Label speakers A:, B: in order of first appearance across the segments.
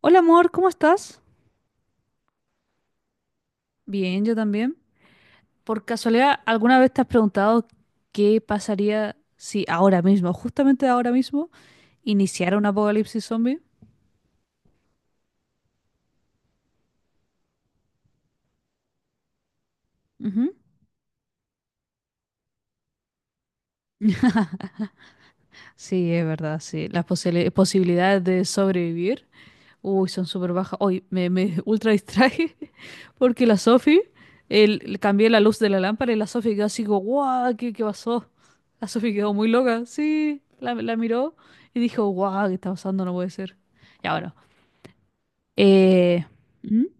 A: Hola amor, ¿cómo estás? Bien, yo también. Por casualidad, ¿alguna vez te has preguntado qué pasaría si ahora mismo, justamente ahora mismo, iniciara un apocalipsis zombie? Ujú. Sí, es verdad, sí. Las posibilidades de sobrevivir, uy, son súper bajas. Hoy me ultra distraje porque la Sofi, le cambié la luz de la lámpara y la Sofi quedó así como, guau, ¿qué pasó? La Sofi quedó muy loca, sí, la miró y dijo, guau, ¿qué está pasando? No puede ser. Ya bueno. Eh, Ujú,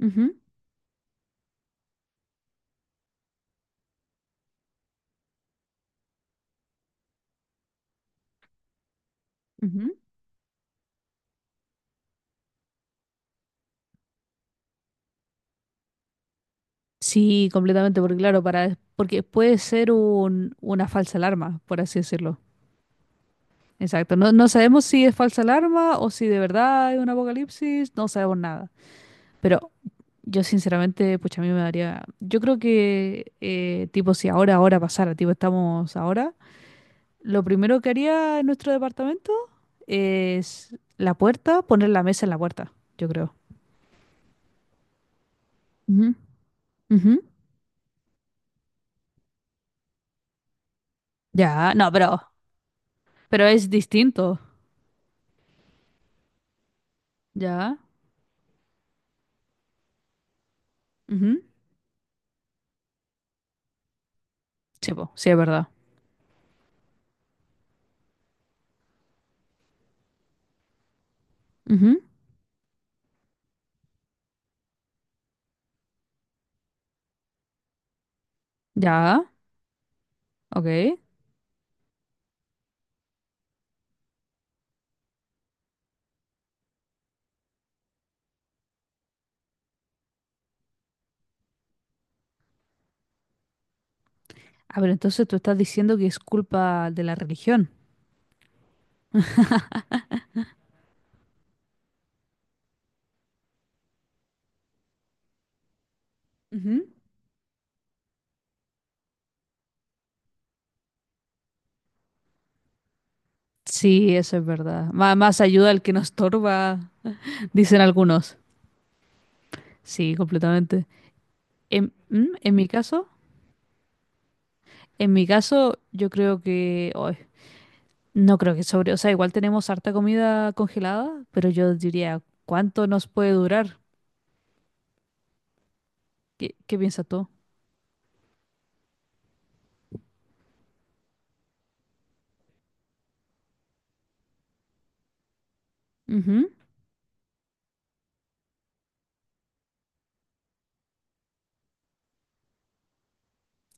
A: ujú, ujú. Sí, completamente, porque claro, porque puede ser una falsa alarma, por así decirlo. Exacto. No, no sabemos si es falsa alarma o si de verdad es un apocalipsis, no sabemos nada. Pero yo sinceramente, pucha, a mí me daría, yo creo que tipo si ahora pasara, tipo estamos ahora, lo primero que haría en nuestro departamento es la puerta, poner la mesa en la puerta, yo creo. Ujú, ujú. Ya, no, Pero es distinto. Ya. Ujú. Sí, po, sí, es verdad. Ujú. Ya. Ok. Ah, pero entonces tú estás diciendo que es culpa de la religión. Ujú. Sí, eso es verdad. Más ayuda al que nos estorba, dicen algunos. Sí, completamente. En, ¿Mm? en mi caso, en mi caso, yo creo que ay, no creo que o sea, igual tenemos harta comida congelada, pero yo diría, ¿cuánto nos puede durar? ¿Qué piensas tú? Ujú.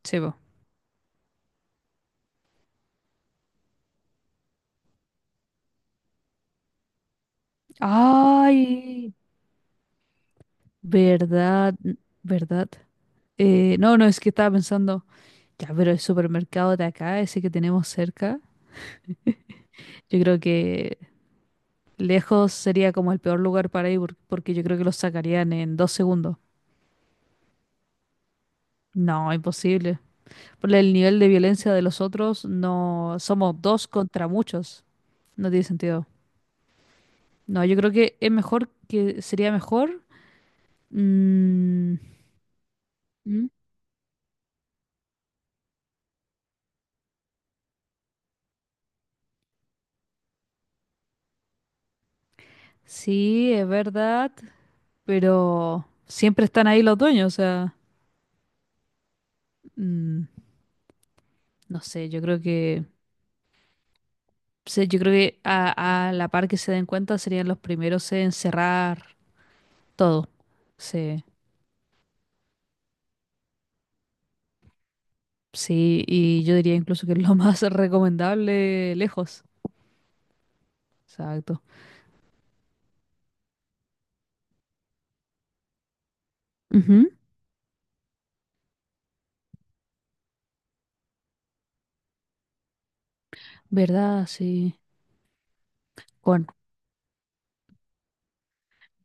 A: Sí, po. Ay, ¿verdad? ¿Verdad? No, no, es que estaba pensando, ya, pero el supermercado de acá, ese que tenemos cerca, yo creo que lejos sería como el peor lugar para ir porque yo creo que los sacarían en 2 segundos. No, imposible. Por el nivel de violencia de los otros, no, somos dos contra muchos. No tiene sentido. No, yo creo que es mejor que sería mejor. mm, ¿Mm? Sí, es verdad, pero siempre están ahí los dueños, o sea. Mm, no sé, yo creo que, sí, yo creo que a la par que se den cuenta serían los primeros en cerrar todo. Sí, sí, y yo diría incluso que es lo más recomendable lejos. Exacto. Ujú, ¿verdad? Sí. Bueno,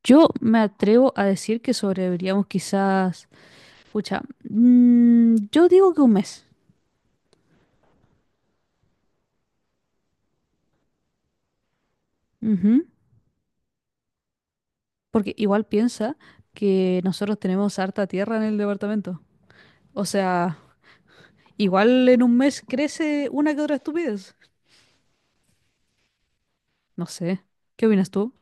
A: yo me atrevo a decir que sobreviviríamos quizás, pucha, yo digo que un mes. Ujú, porque igual piensa que nosotros tenemos harta tierra en el departamento. O sea... Igual en un mes crece una que otra estupidez. No sé. ¿Qué opinas tú?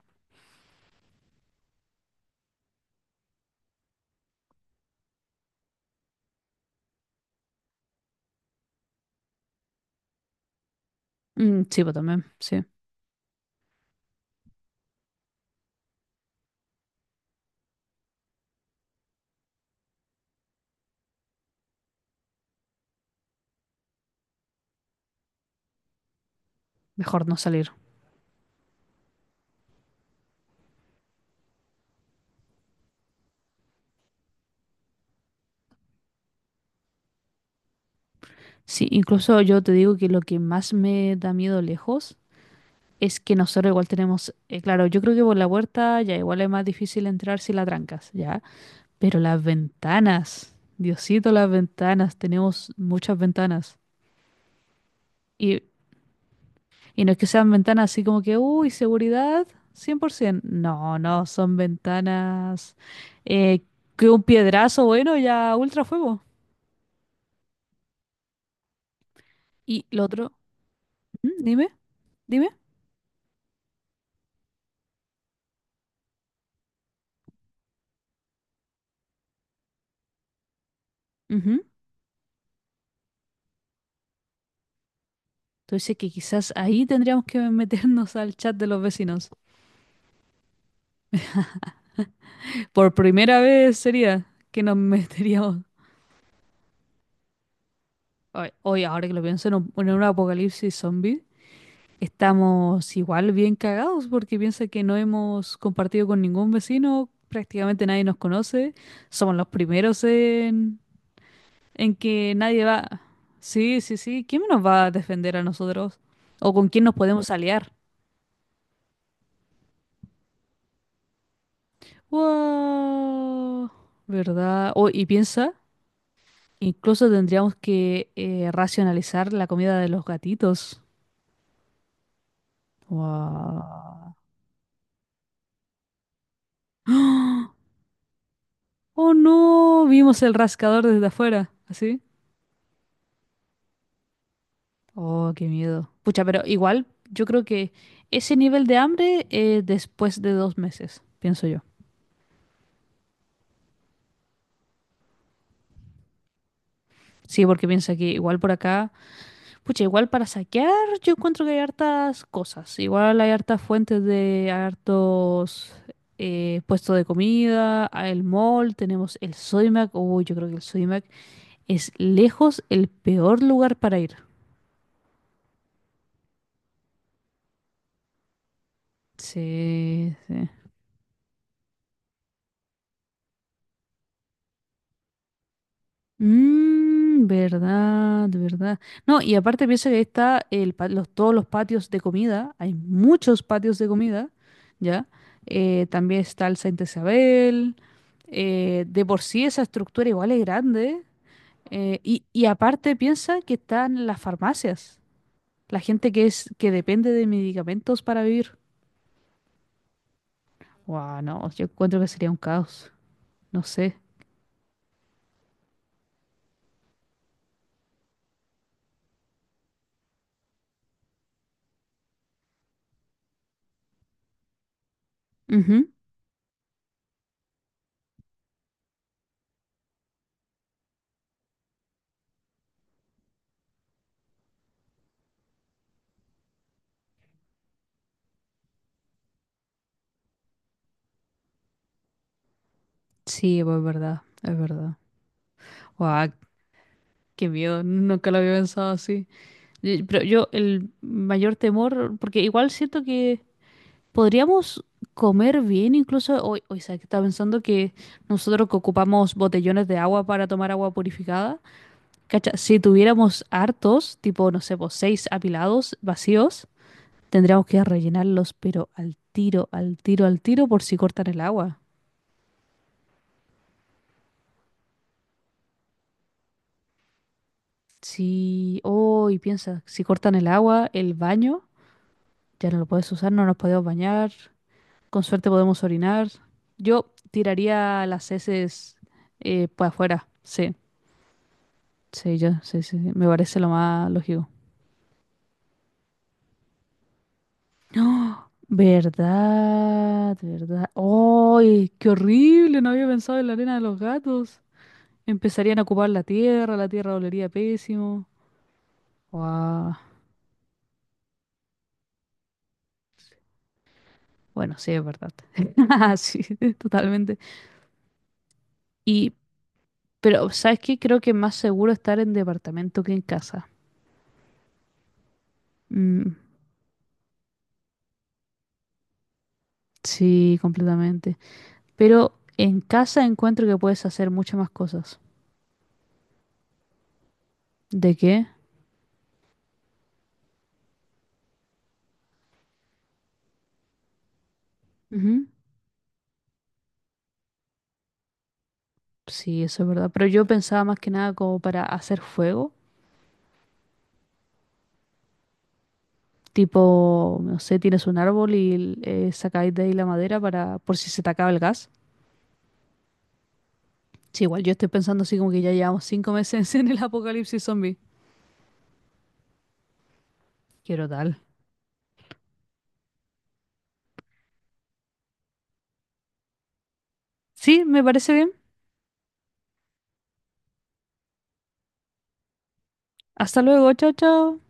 A: Mm, sí, pues también, sí. Mejor no salir. Sí, incluso yo te digo que lo que más me da miedo lejos es que nosotros igual tenemos, claro, yo creo que por la puerta ya igual es más difícil entrar si la trancas, ya. Pero las ventanas, Diosito, las ventanas, tenemos muchas ventanas. Y Y no es que sean ventanas así como que, uy, seguridad 100%. No, no, son ventanas eh, que un piedrazo, bueno, ya ultra fuego. Y lo otro, ¿Mm? dime, dime. Ujú. Entonces que quizás ahí tendríamos que meternos al chat de los vecinos. Por primera vez sería que nos meteríamos. Hoy, ahora que lo pienso, en un apocalipsis zombie, estamos igual bien cagados porque piensa que no hemos compartido con ningún vecino, prácticamente nadie nos conoce, somos los primeros en, que nadie va. Sí, sí, sí, ¿quién nos va a defender a nosotros? ¿O con quién nos podemos aliar? Wow, ¿verdad? Oh, y piensa, incluso tendríamos que racionalizar la comida de los gatitos. Wow. ¡Ah! Oh no, vimos el rascador desde afuera, así. Oh, qué miedo. Pucha, pero igual yo creo que ese nivel de hambre después de 2 meses, pienso yo. Sí, porque piensa que igual por acá, pucha, igual para saquear yo encuentro que hay hartas cosas. Igual hay hartos puestos de comida, hay el mall, tenemos el Sodimac. Uy, yo creo que el Sodimac es lejos el peor lugar para ir. Sí, sí. Mmm, verdad, verdad. No, y aparte piensa que ahí está todos los patios de comida, hay muchos patios de comida, ¿ya? También está el Santa Isabel, de por sí esa estructura igual es grande, y aparte piensa que están las farmacias, la gente que es, que depende de medicamentos para vivir. Wow, no, yo encuentro que sería un caos, no sé. Ujú. Sí, pues es verdad, es verdad. Qué miedo, nunca lo había pensado así. Pero yo el mayor temor, porque igual siento que podríamos comer bien incluso hoy sabes que estaba pensando que nosotros que ocupamos botellones de agua para tomar agua purificada, cacha, si tuviéramos hartos, tipo, no sé, pues seis apilados vacíos, tendríamos que rellenarlos, pero al tiro, al tiro, al tiro por si cortan el agua. Si, oh, y piensa, si cortan el agua, el baño, ya no lo puedes usar, no nos podemos bañar. Con suerte podemos orinar. Yo tiraría las heces para afuera. Sí, sí, yo, sí, sí, sí. Me parece lo más lógico. ¡Oh! ¿Verdad? ¿Verdad? ¡Ay, qué horrible! No había pensado en la arena de los gatos. Empezarían a ocupar la tierra olería pésimo. ¡Guau! Bueno, sí, es verdad. Sí, totalmente. Y, pero, ¿sabes qué? Creo que es más seguro estar en departamento que en casa. Mm, sí, completamente. Pero en casa encuentro que puedes hacer muchas más cosas. ¿De qué? Ujú. Sí, eso es verdad. Pero yo pensaba más que nada como para hacer fuego. Tipo, no sé, tienes un árbol y sacáis de ahí la madera para por si se te acaba el gas. Sí, igual yo estoy pensando así como que ya llevamos 5 meses en el apocalipsis zombie. Quiero tal. Sí, me parece bien. Hasta luego, chao, chao.